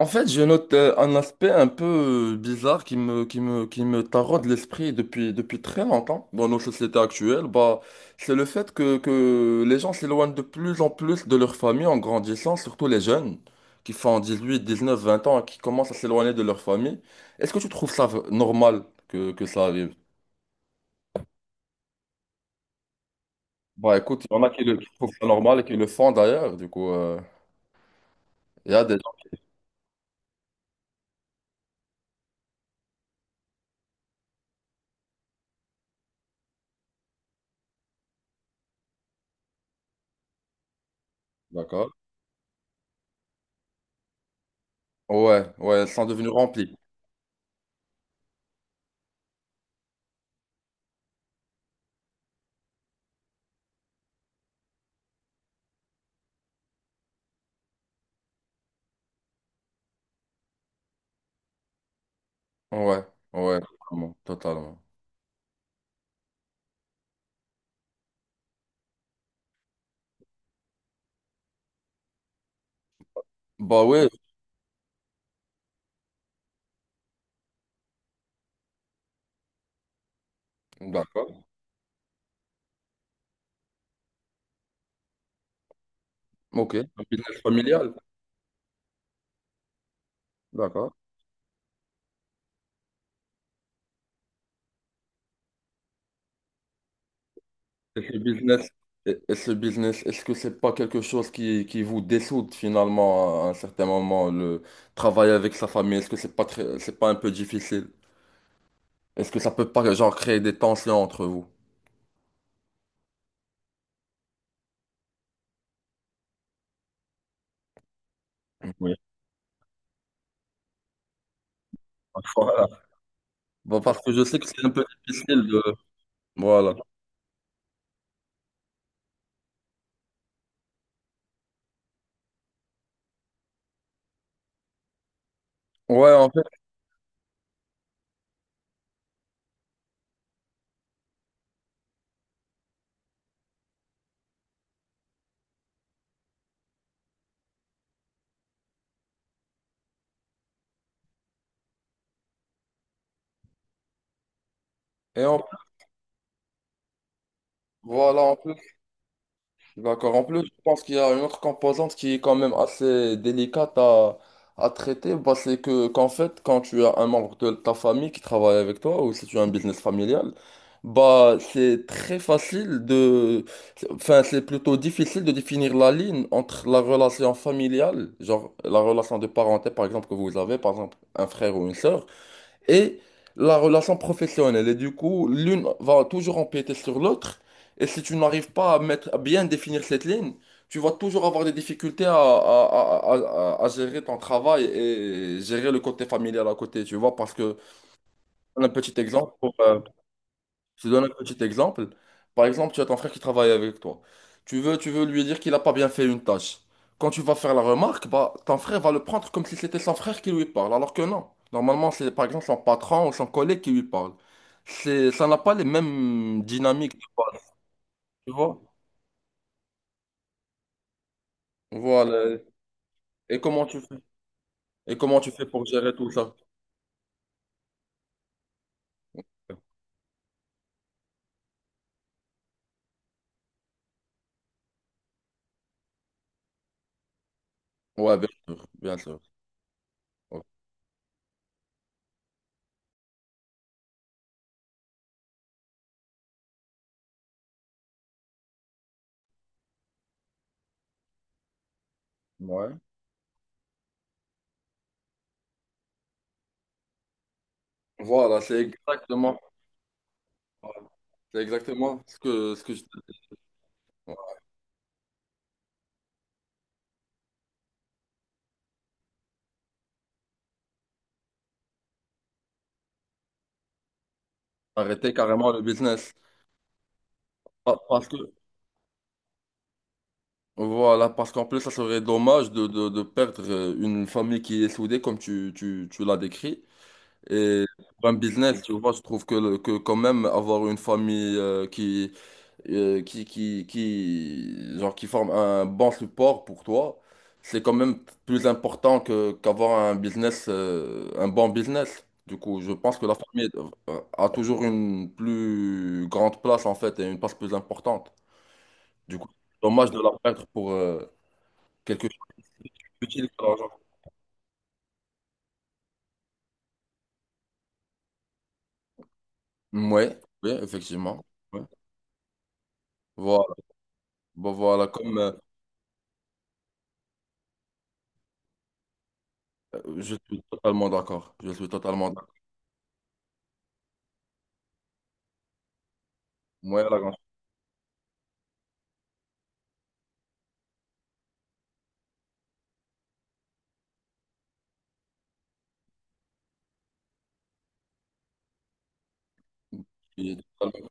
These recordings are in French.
En fait, je note un aspect un peu bizarre qui me taraude l'esprit depuis très longtemps dans nos sociétés actuelles. C'est le fait que les gens s'éloignent de plus en plus de leur famille en grandissant, surtout les jeunes qui font 18, 19, 20 ans et qui commencent à s'éloigner de leur famille. Est-ce que tu trouves ça normal que ça arrive? Bah écoute, il y en a qui trouvent ça normal et qui le font d'ailleurs. Du coup, il y a des gens, d'accord? Ouais, ouais, ils sont devenus remplis. Ouais, ouais, totalement. Totalement. Bah ouais, d'accord. Ok, un business familial. D'accord. Et ce business, et ce business, est-ce que c'est pas quelque chose qui vous dessoude finalement à un certain moment, le travail avec sa famille, est-ce que c'est pas très, c'est pas un peu difficile? Est-ce que ça peut pas genre créer des tensions entre vous? Oui. Voilà. Bon, parce que je sais que c'est un peu difficile de... Voilà. Ouais, en fait. Et en... Voilà, en plus. D'accord. En plus, je pense qu'il y a une autre composante qui est quand même assez délicate à traiter. Bah, c'est qu'en fait, quand tu as un membre de ta famille qui travaille avec toi ou si tu as un business familial, bah, c'est très facile de... Enfin, c'est plutôt difficile de définir la ligne entre la relation familiale, genre la relation de parenté, par exemple, que vous avez, par exemple, un frère ou une sœur, et la relation professionnelle. Et du coup, l'une va toujours empiéter sur l'autre. Et si tu n'arrives pas à mettre, à bien définir cette ligne, tu vas toujours avoir des difficultés à gérer ton travail et gérer le côté familial à côté, tu vois. Parce que, un petit exemple, pour, je te donne un petit exemple. Par exemple, tu as ton frère qui travaille avec toi. Tu veux lui dire qu'il n'a pas bien fait une tâche. Quand tu vas faire la remarque, bah, ton frère va le prendre comme si c'était son frère qui lui parle, alors que non. Normalement, c'est par exemple son patron ou son collègue qui lui parle. C'est, ça n'a pas les mêmes dynamiques de base, tu vois? Voilà. Et comment tu fais? Et comment tu fais pour gérer tout ça? Ouais, bien sûr, bien sûr. Ouais. Ouais. Voilà, c'est exactement ce que je te dis. Arrêter carrément le business. Parce que, voilà, parce qu'en plus, ça serait dommage de perdre une famille qui est soudée, comme tu l'as décrit. Et pour un business, tu vois, je trouve que, que quand même avoir une famille genre, qui forme un bon support pour toi, c'est quand même plus important qu'avoir un business, un bon business. Du coup, je pense que la famille a toujours une plus grande place, en fait, et une place plus importante. Du coup, dommage de la perdre pour quelque chose d'utile que l'argent. Ouais, oui, effectivement. Ouais. Voilà. Bon, voilà, comme je suis totalement d'accord. Je suis totalement d'accord. Ouais, la grande- je suis totalement-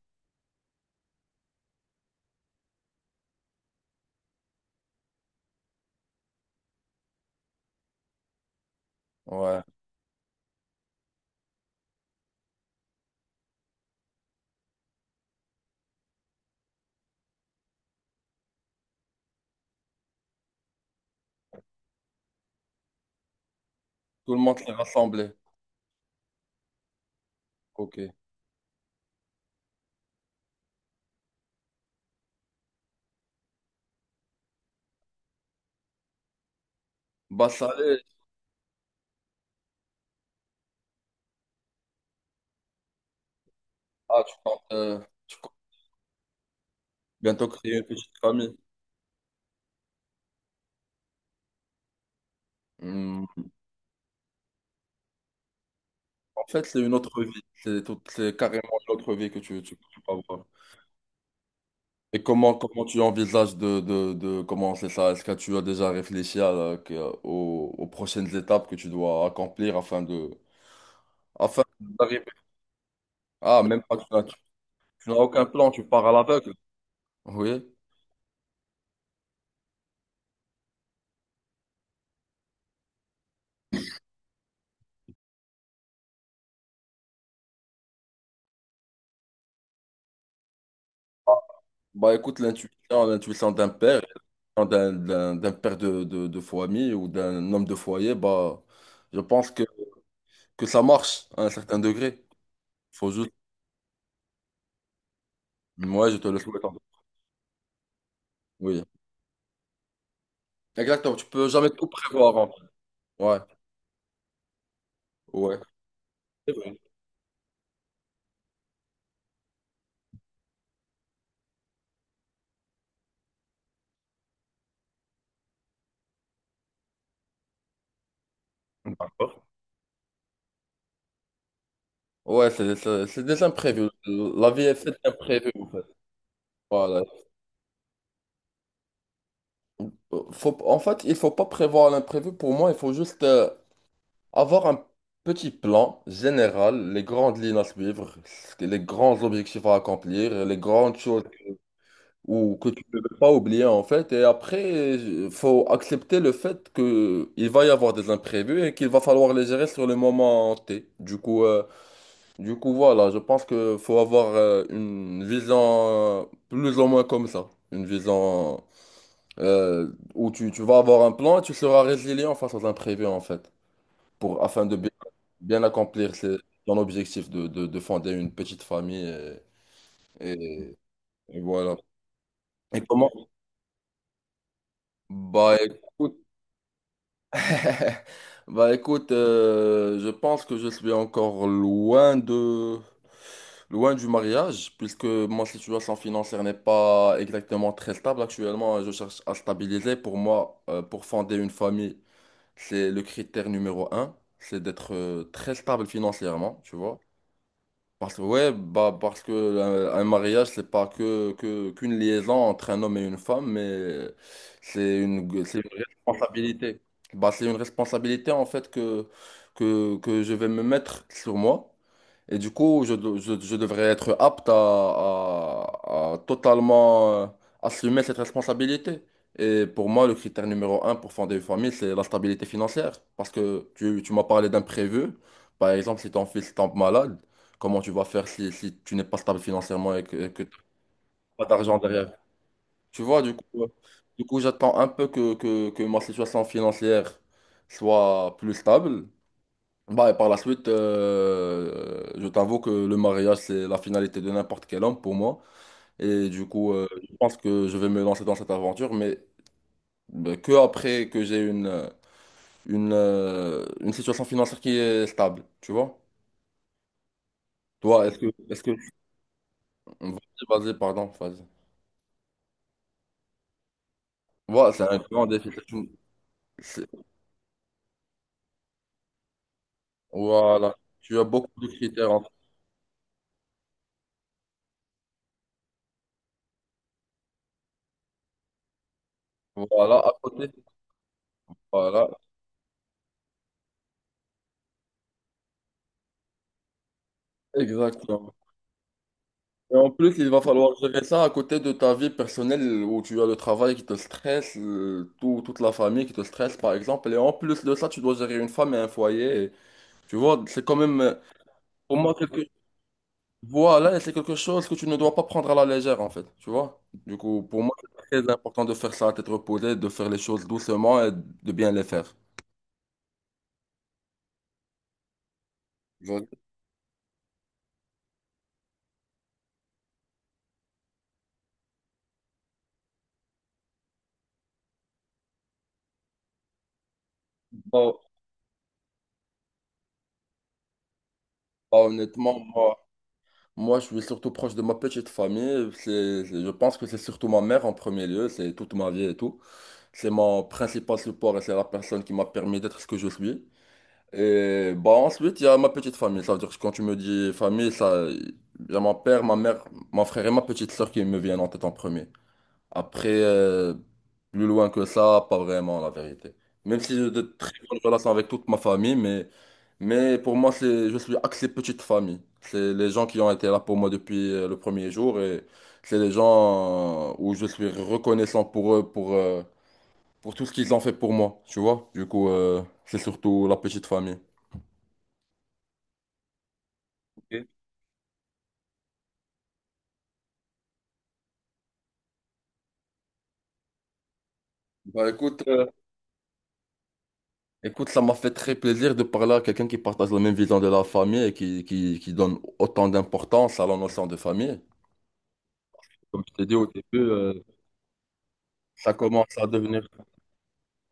Ouais. Tout le monde s'est rassemblé. Ok. Bah, ça allait. Ah, tu comptes, euh, tu comptes bientôt créer une petite famille. Hmm. En fait, c'est une autre vie. C'est carrément une autre vie que tu vas voir. Et comment tu envisages de commencer ça? Est-ce que tu as déjà réfléchi à la- que- aux, aux prochaines étapes que tu dois accomplir afin d'arriver? Ah, même pas, tu n'as aucun plan, tu pars à l'aveugle. Oui. Bah écoute, l'intuition d'un père, d'un père de famille ou d'un homme de foyer, bah je pense que ça marche à un certain degré. Faut juste. Ouais, je te le souhaite. Oui. Exactement, tu peux jamais tout prévoir. En Ouais, ouais. C'est vrai. Ouais, c'est des imprévus. La vie est faite d'imprévus, en fait. Voilà. Il faut pas prévoir l'imprévu. Pour moi, il faut juste avoir un petit plan général, les grandes lignes à suivre, les grands objectifs à accomplir, les grandes choses ou que tu ne peux pas oublier, en fait. Et après, il faut accepter le fait que il va y avoir des imprévus et qu'il va falloir les gérer sur le moment T. Voilà, je pense que faut avoir une vision plus ou moins comme ça. Une vision où tu vas avoir un plan et tu seras résilient face aux imprévus, en fait, afin de bien, bien accomplir ton objectif de fonder une petite famille. Et, et- et voilà. Et comment? Bah écoute. Bah écoute, je pense que je suis encore loin de loin du mariage, puisque ma situation financière n'est pas exactement très stable. Actuellement, je cherche à stabiliser. Pour moi, pour fonder une famille, c'est le critère numéro un, c'est d'être très stable financièrement, tu vois. Parce que, ouais, bah, parce que un mariage, c'est pas qu'une liaison entre un homme et une femme, mais c'est une responsabilité. Bah, c'est une responsabilité, en fait, que je vais me mettre sur moi. Et du coup, je devrais être apte à totalement assumer cette responsabilité. Et pour moi, le critère numéro un pour fonder une famille, c'est la stabilité financière. Parce que tu m'as parlé d'imprévu. Par exemple, si ton fils tombe malade, comment tu vas faire si, si tu n'es pas stable financièrement et que tu n'as pas d'argent derrière? Tu vois, du coup j'attends un peu que ma situation financière soit plus stable. Bah, et par la suite, je t'avoue que le mariage, c'est la finalité de n'importe quel homme pour moi. Et du coup, je pense que je vais me lancer dans cette aventure, mais que après que j'ai une situation financière qui est stable, tu vois? Toi, est-ce que... Vas-y, vas-y, pardon, vas-y. Voilà, c'est un grand défi. C'est- Voilà. Tu as beaucoup de critères. En fait. Voilà, à côté. Voilà, exactement. Et en plus, il va falloir gérer ça à côté de ta vie personnelle où tu as le travail qui te stresse, toute la famille qui te stresse, par exemple. Et en plus de ça, tu dois gérer une femme et un foyer. Et tu vois, c'est quand même, pour moi, quelque... voilà, et c'est quelque chose que tu ne dois pas prendre à la légère, en fait. Tu vois? Du coup, pour moi, c'est très important de faire ça d'être tête de faire les choses doucement et de bien les faire. Voilà. Bah, honnêtement, moi, je suis surtout proche de ma petite famille. Je pense que c'est surtout ma mère en premier lieu, c'est toute ma vie et tout. C'est mon principal support et c'est la personne qui m'a permis d'être ce que je suis. Et bah, ensuite, il y a ma petite famille. Ça veut dire que quand tu me dis famille, ça, il y a mon père, ma mère, mon frère et ma petite soeur qui me viennent en tête en premier. Après, plus loin que ça, pas vraiment la vérité. Même si j'ai de très bonnes relations avec toute ma famille, mais. Mais pour moi, c'est, je suis axé petite famille. C'est les gens qui ont été là pour moi depuis le premier jour et c'est les gens où je suis reconnaissant pour eux, pour tout ce qu'ils ont fait pour moi, tu vois. Du coup, c'est surtout la petite famille. Ok. Bah, écoute, ça m'a fait très plaisir de parler à quelqu'un qui partage la même vision de la famille et qui donne autant d'importance à la notion de famille. Comme je t'ai dit au début, ça commence à devenir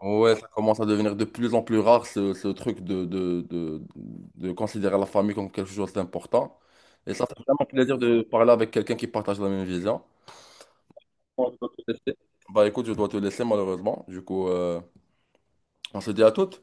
Ouais, ça commence à devenir de plus en plus rare ce, ce truc de considérer la famille comme quelque chose d'important. Et ça fait vraiment plaisir de parler avec quelqu'un qui partage la même vision. Bon, je dois te laisser. Bah écoute, je dois te laisser malheureusement. On se dit à toutes.